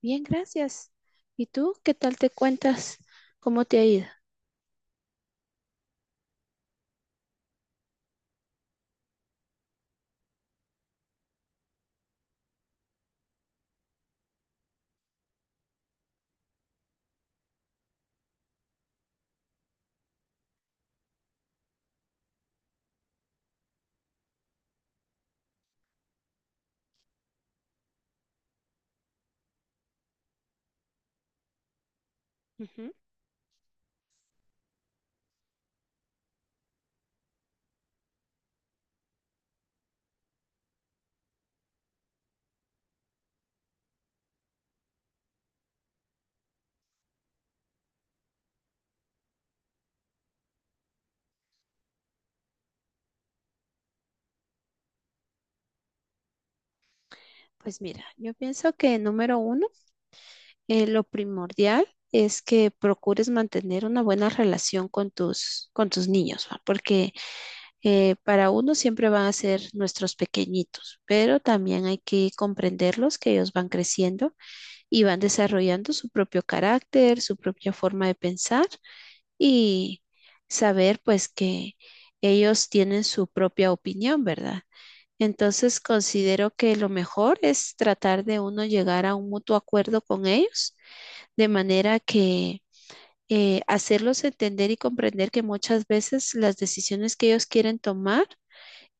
Bien, gracias. ¿Y tú qué tal te cuentas? ¿Cómo te ha ido? Ujú. Pues mira, yo pienso que número uno, lo primordial es que procures mantener una buena relación con con tus niños, ¿va? Porque para uno siempre van a ser nuestros pequeñitos, pero también hay que comprenderlos que ellos van creciendo y van desarrollando su propio carácter, su propia forma de pensar y saber pues que ellos tienen su propia opinión, ¿verdad? Entonces considero que lo mejor es tratar de uno llegar a un mutuo acuerdo con ellos, de manera que hacerlos entender y comprender que muchas veces las decisiones que ellos quieren tomar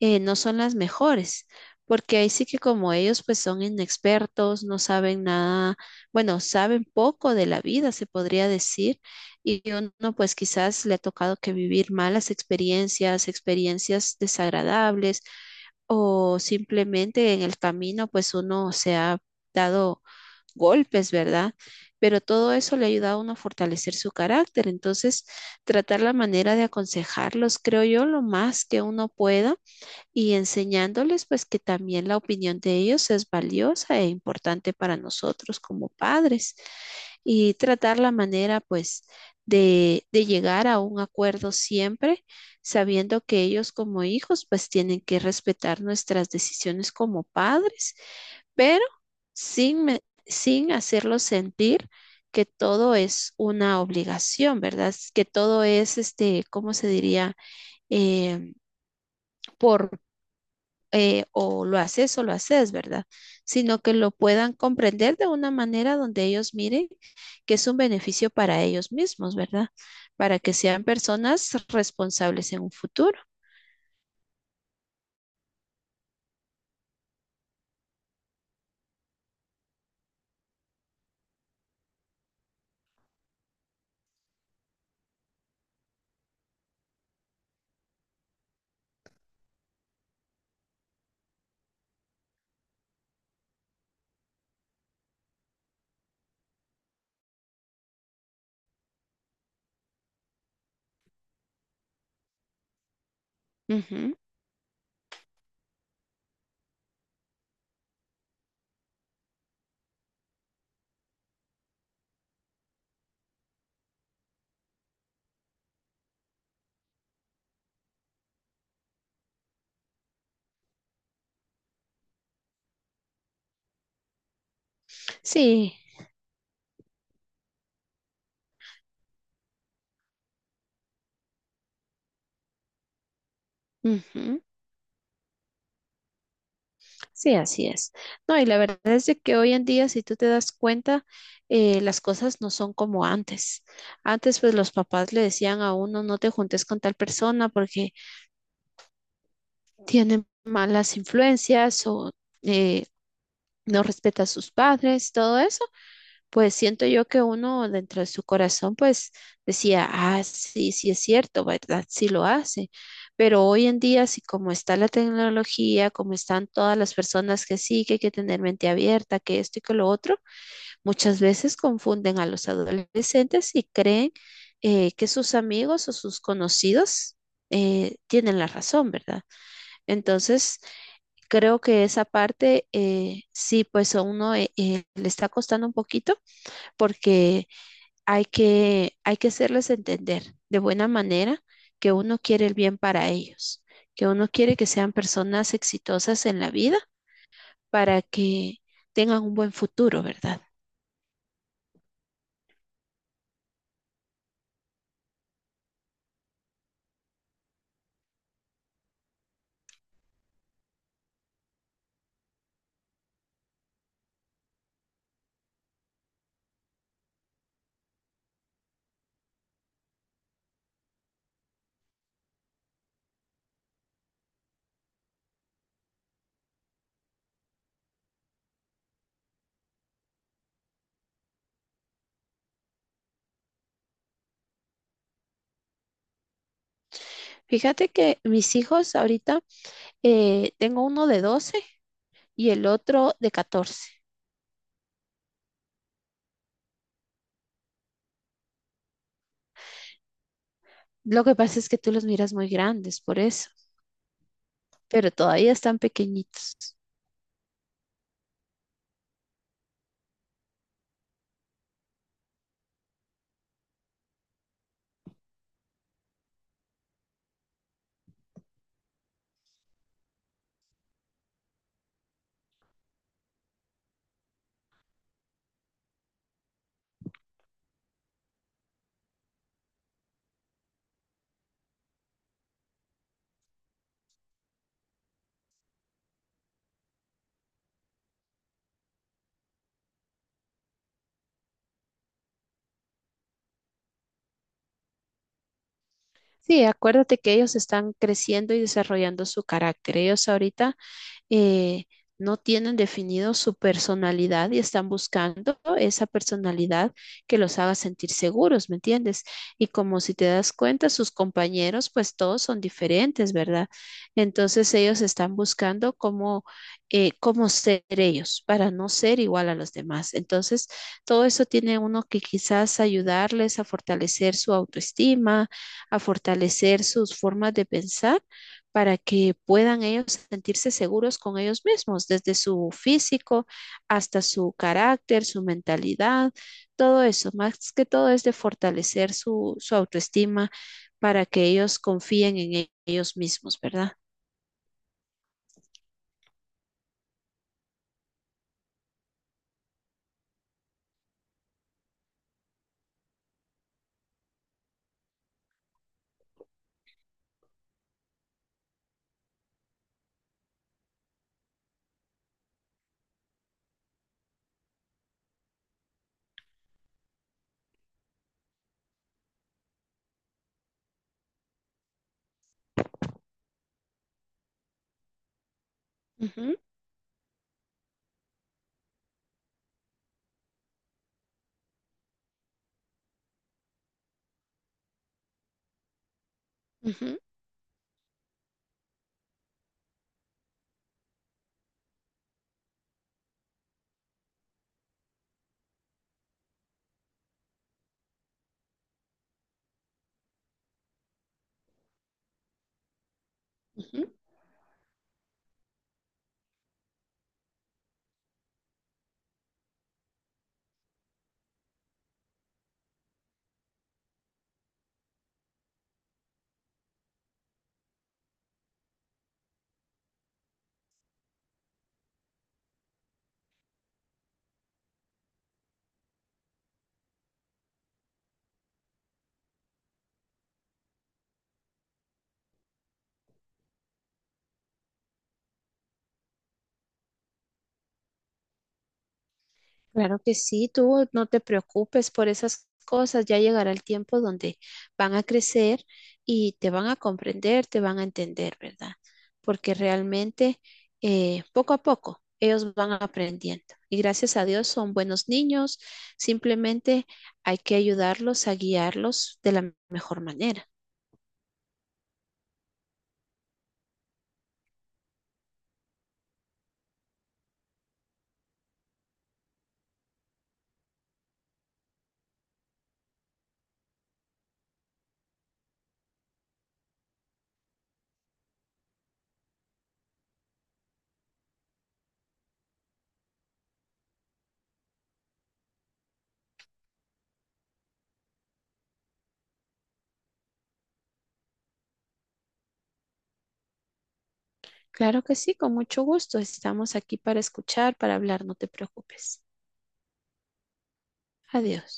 no son las mejores, porque ahí sí que como ellos pues son inexpertos, no saben nada, bueno, saben poco de la vida, se podría decir, y uno pues quizás le ha tocado que vivir malas experiencias, experiencias desagradables, o simplemente en el camino pues uno se ha dado golpes, ¿verdad? Pero todo eso le ayuda a uno a fortalecer su carácter. Entonces, tratar la manera de aconsejarlos, creo yo, lo más que uno pueda y enseñándoles pues que también la opinión de ellos es valiosa e importante para nosotros como padres y tratar la manera pues de llegar a un acuerdo siempre sabiendo que ellos como hijos pues tienen que respetar nuestras decisiones como padres, pero sin, me- sin hacerlos sentir que todo es una obligación, ¿verdad? Que todo es, este, ¿cómo se diría? Em, por o lo haces, ¿verdad? Sino que lo puedan comprender de una manera donde ellos miren que es un beneficio para ellos mismos, ¿verdad? Para que sean personas responsables en un futuro. Ujú. Sí. Ujú. Sí, así es. No, y la verdad es de que hoy en día, si tú te das cuenta, las cosas no son como antes. Antes, pues los papás le decían a uno, no te juntes con tal persona porque tiene malas influencias o eh, no respeta a sus padres, todo eso pues siento yo que uno dentro de su corazón pues decía, ah, sí, sí es cierto, ¿verdad? Sí lo hace. Pero hoy en día, así como está la tecnología, como están todas las personas que sí, que hay que tener mente abierta, que esto y que lo otro, muchas veces confunden a los adolescentes y creen que sus amigos o sus conocidos tienen la razón, ¿verdad? Entonces, creo que esa parte sí, pues a uno le está costando un poquito porque hay que hacerles entender de buena manera que uno quiere el bien para ellos, que uno quiere que sean personas exitosas en la vida para que tengan un buen futuro, ¿verdad? Fíjate que mis hijos ahorita, tengo uno de 12 y el otro de 14. Lo que pasa es que tú los miras muy grandes, por eso, pero todavía están pequeñitos. Sí, acuérdate que ellos están creciendo y desarrollando su carácter. Ellos ahorita eh, no tienen definido su personalidad y están buscando esa personalidad que los haga sentir seguros, ¿me entiendes? Y como si te das cuenta, sus compañeros, pues todos son diferentes, ¿verdad? Entonces ellos están buscando cómo, cómo ser ellos para no ser igual a los demás. Entonces, todo eso tiene uno que quizás ayudarles a fortalecer su autoestima, a fortalecer sus formas de pensar para que puedan ellos sentirse seguros con ellos mismos, desde su físico hasta su carácter, su mentalidad, todo eso. Más que todo es de fortalecer su autoestima para que ellos confíen en ellos mismos, ¿verdad? Ujú. Ujú. Ujú. Claro que sí, tú no te preocupes por esas cosas, ya llegará el tiempo donde van a crecer y te van a comprender, te van a entender, ¿verdad? Porque realmente poco a poco ellos van aprendiendo y gracias a Dios son buenos niños, simplemente hay que ayudarlos a guiarlos de la mejor manera. Claro que sí, con mucho gusto. Estamos aquí para escuchar, para hablar, no te preocupes. Adiós.